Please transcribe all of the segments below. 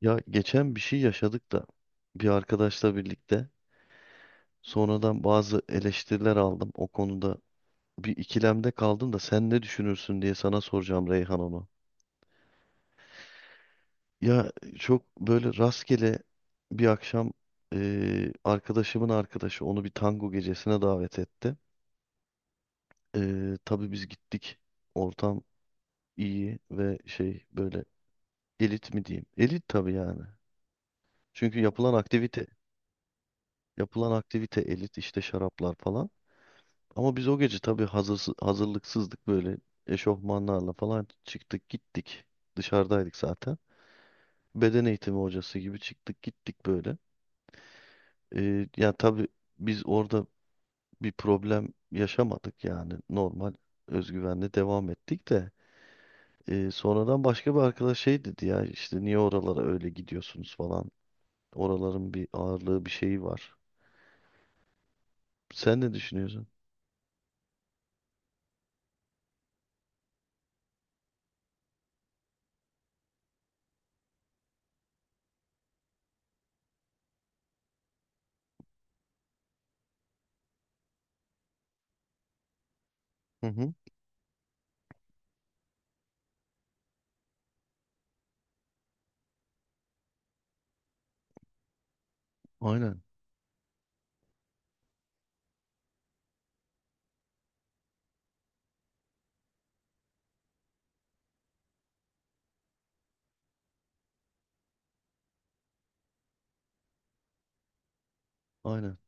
Ya geçen bir şey yaşadık da bir arkadaşla birlikte sonradan bazı eleştiriler aldım. O konuda bir ikilemde kaldım da sen ne düşünürsün diye sana soracağım Reyhan onu. Ya çok böyle rastgele bir akşam arkadaşımın arkadaşı onu bir tango gecesine davet etti. Tabii biz gittik. Ortam iyi ve şey böyle elit mi diyeyim? Elit tabii yani. Çünkü yapılan aktivite elit işte şaraplar falan. Ama biz o gece tabii hazırlıksızdık böyle eşofmanlarla falan çıktık gittik. Dışarıdaydık zaten. Beden eğitimi hocası gibi çıktık gittik böyle. Yani tabii biz orada bir problem yaşamadık yani normal özgüvenle devam ettik de. Sonradan başka bir arkadaş şey dedi ya işte niye oralara öyle gidiyorsunuz falan. Oraların bir ağırlığı bir şeyi var. Sen ne düşünüyorsun? Hı hı. Aynen aynen.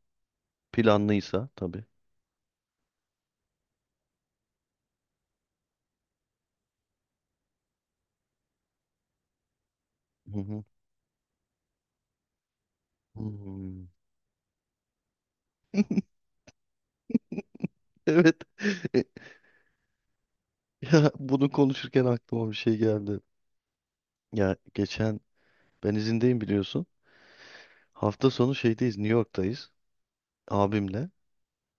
Planlıysa tabii. Hı hı. Hmm. Evet. Ya bunu konuşurken aklıma bir şey geldi. Ya geçen ben izindeyim biliyorsun. Hafta sonu şeydeyiz, New York'tayız. Abimle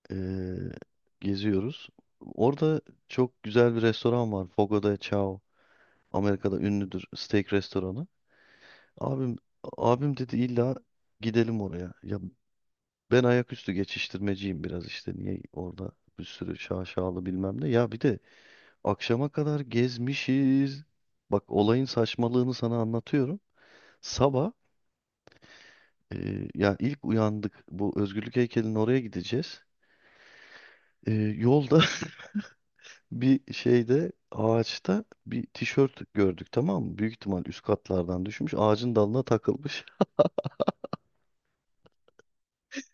eee, geziyoruz. Orada çok güzel bir restoran var. Fogo de Chao. Amerika'da ünlüdür steak restoranı. Abim abim dedi illa gidelim oraya. Ya ben ayaküstü geçiştirmeciyim biraz işte. Niye orada bir sürü şaşalı bilmem ne. Ya bir de akşama kadar gezmişiz. Bak olayın saçmalığını sana anlatıyorum. Sabah ya ilk uyandık bu Özgürlük heykelinin oraya gideceğiz. E, Yolda bir şeyde ağaçta bir tişört gördük, tamam mı? Büyük ihtimal üst katlardan düşmüş ağacın dalına takılmış.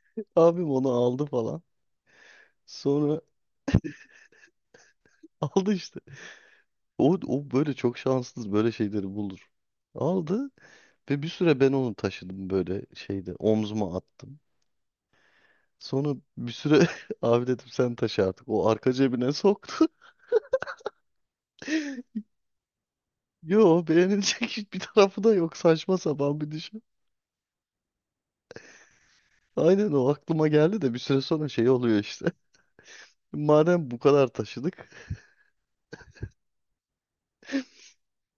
Abim onu aldı falan. Sonra aldı işte. O böyle çok şanssız böyle şeyleri bulur. Aldı ve bir süre ben onu taşıdım böyle şeyde omzuma attım. Sonra bir süre abi dedim sen taşı artık. O arka cebine soktu. Yo, beğenilecek hiçbir tarafı da yok. Saçma sapan bir düşün. Aynen o aklıma geldi de bir süre sonra şey oluyor işte. Madem bu kadar taşıdık.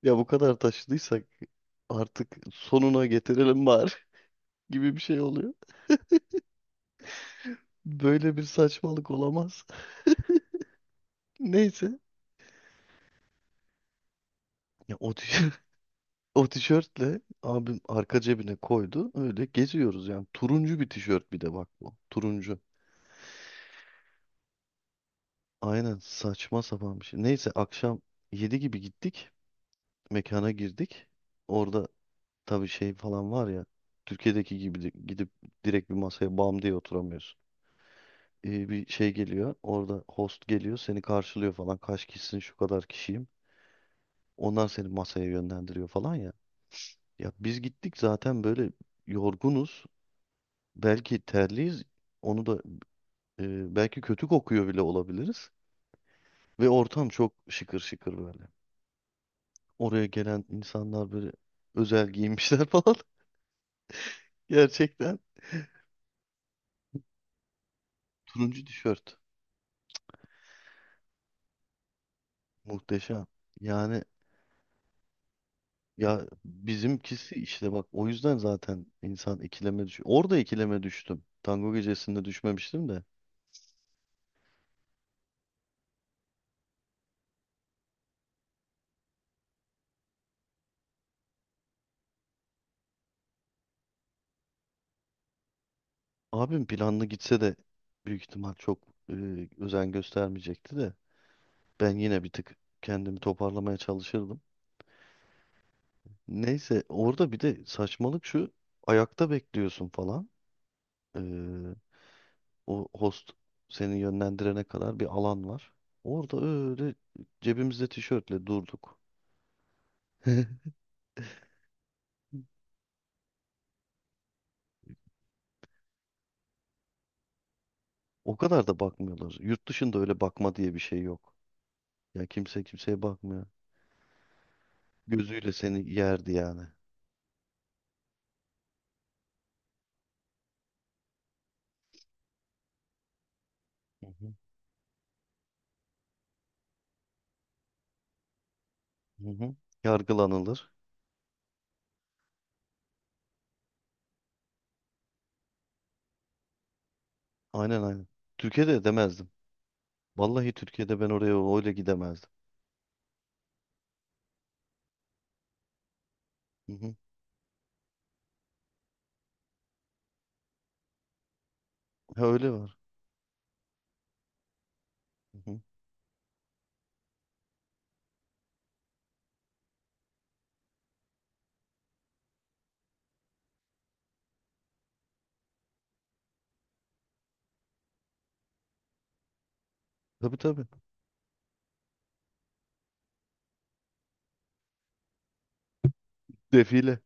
Ya bu kadar taşıdıysak artık sonuna getirelim bari gibi bir şey oluyor. Böyle bir saçmalık olamaz. Neyse. Ya o tişört, o tişörtle abim arka cebine koydu. Öyle geziyoruz yani. Turuncu bir tişört, bir de bak bu. Turuncu. Aynen saçma sapan bir şey. Neyse akşam 7 gibi gittik. Mekana girdik. Orada tabii şey falan var ya. Türkiye'deki gibi gidip direkt bir masaya bam diye oturamıyorsun. Bir şey geliyor. Orada host geliyor. Seni karşılıyor falan. Kaç kişisin, şu kadar kişiyim. Onlar seni masaya yönlendiriyor falan ya. Ya biz gittik zaten böyle yorgunuz. Belki terliyiz. Onu da belki kötü kokuyor bile olabiliriz. Ve ortam çok şıkır şıkır böyle. Oraya gelen insanlar böyle özel giymişler falan. Gerçekten turuncu tişört. Muhteşem. Yani ya bizimkisi işte bak o yüzden zaten insan ikileme düşüyor. Orada ikileme düştüm. Tango gecesinde düşmemiştim de. Abim planlı gitse de büyük ihtimal çok e, özen göstermeyecekti de. Ben yine bir tık kendimi toparlamaya çalışırdım. Neyse orada bir de saçmalık şu, ayakta bekliyorsun falan. O host seni yönlendirene kadar bir alan var. Orada öyle cebimizde tişörtle durduk. O kadar da bakmıyorlar. Yurt dışında öyle bakma diye bir şey yok. Ya kimse kimseye bakmıyor. Gözüyle seni yerdi yani. Hı hı. Hı hı. Yargılanılır. Aynen aynen. Türkiye'de edemezdim. Vallahi Türkiye'de ben oraya öyle gidemezdim. Hı hı. Ha, öyle var. Hı hı. Tabii tabii. Defile.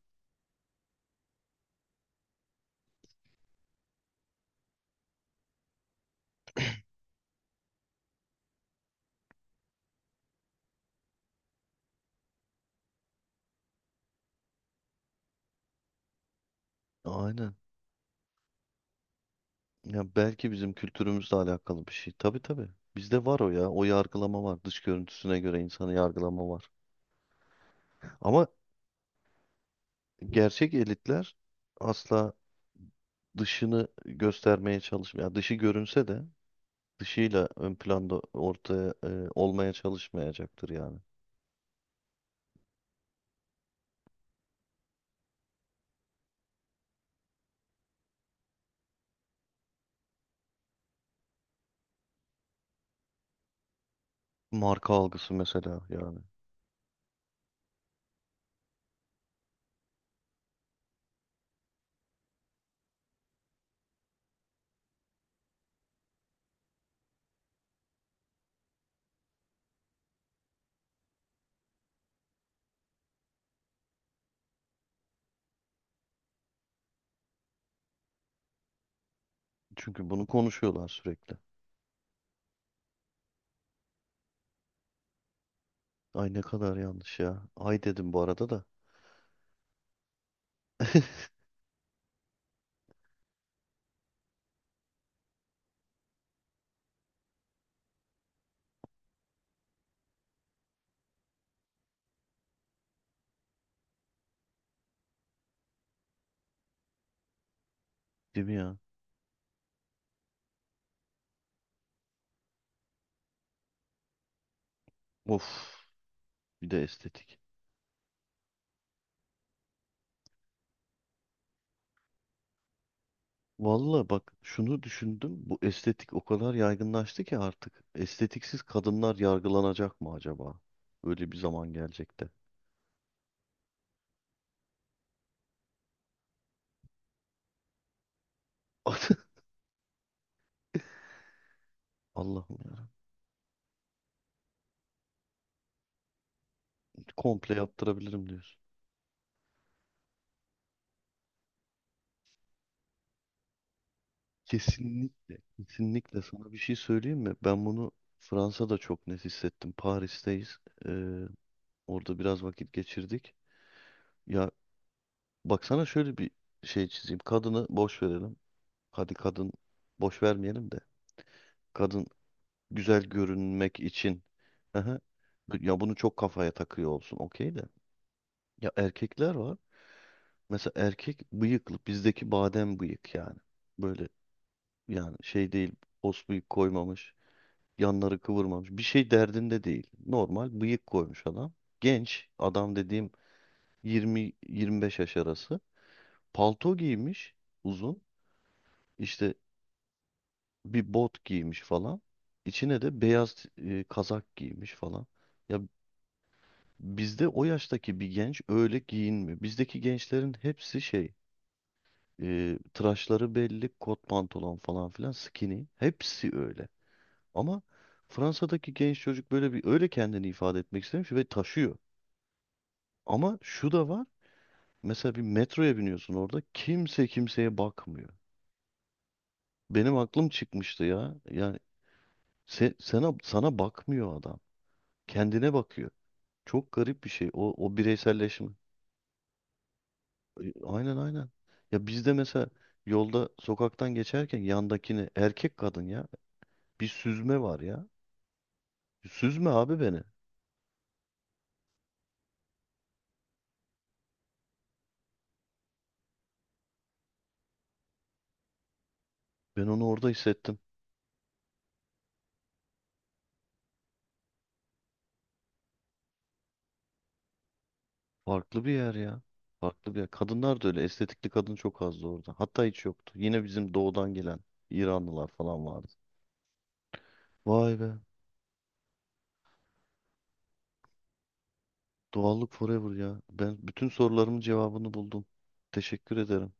Aynen. Ya belki bizim kültürümüzle alakalı bir şey. Tabii tabii. Bizde var o ya. O yargılama var. Dış görüntüsüne göre insanı yargılama var. Ama gerçek elitler asla dışını göstermeye çalışmıyor. Yani dışı görünse de dışıyla ön planda ortaya olmaya çalışmayacaktır yani. Marka algısı mesela yani. Çünkü bunu konuşuyorlar sürekli. Ay ne kadar yanlış ya. Ay dedim bu arada da. Değil mi ya? Of. Bir de estetik. Vallahi bak şunu düşündüm. Bu estetik o kadar yaygınlaştı ki artık. Estetiksiz kadınlar yargılanacak mı acaba? Öyle bir zaman gelecek de. Allah'ım ya. Komple yaptırabilirim diyorsun. Kesinlikle. Kesinlikle sana bir şey söyleyeyim mi? Ben bunu Fransa'da çok net hissettim. Paris'teyiz. Ee, Orada biraz vakit geçirdik. Ya baksana şöyle bir şey çizeyim. Kadını boş verelim. Hadi kadın boş vermeyelim de. Kadın güzel görünmek için. Aha. Ya bunu çok kafaya takıyor olsun, okey de. Ya erkekler var. Mesela erkek bıyıklı, bizdeki badem bıyık yani. Böyle yani şey değil, pos bıyık koymamış. Yanları kıvırmamış. Bir şey derdinde değil. Normal bıyık koymuş adam. Genç adam dediğim 20-25 yaş arası. Palto giymiş uzun. İşte bir bot giymiş falan. İçine de beyaz kazak giymiş falan. Ya bizde o yaştaki bir genç öyle giyinmiyor. Bizdeki gençlerin hepsi şey, tıraşları belli, kot pantolon falan filan, skinny. Hepsi öyle. Ama Fransa'daki genç çocuk böyle bir öyle kendini ifade etmek istemiş ve taşıyor. Ama şu da var. Mesela bir metroya biniyorsun orada kimse kimseye bakmıyor. Benim aklım çıkmıştı ya. Yani sana bakmıyor adam. Kendine bakıyor. Çok garip bir şey o bireyselleşme. Aynen aynen. Ya bizde mesela yolda sokaktan geçerken yandakini, erkek kadın, ya bir süzme var ya. Süzme abi beni. Ben onu orada hissettim. Farklı bir yer ya. Farklı bir yer. Kadınlar da öyle. Estetikli kadın çok azdı orada. Hatta hiç yoktu. Yine bizim doğudan gelen İranlılar falan vardı. Vay be. Doğallık forever ya. Ben bütün sorularımın cevabını buldum. Teşekkür ederim.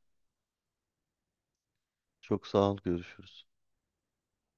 Çok sağ ol. Görüşürüz.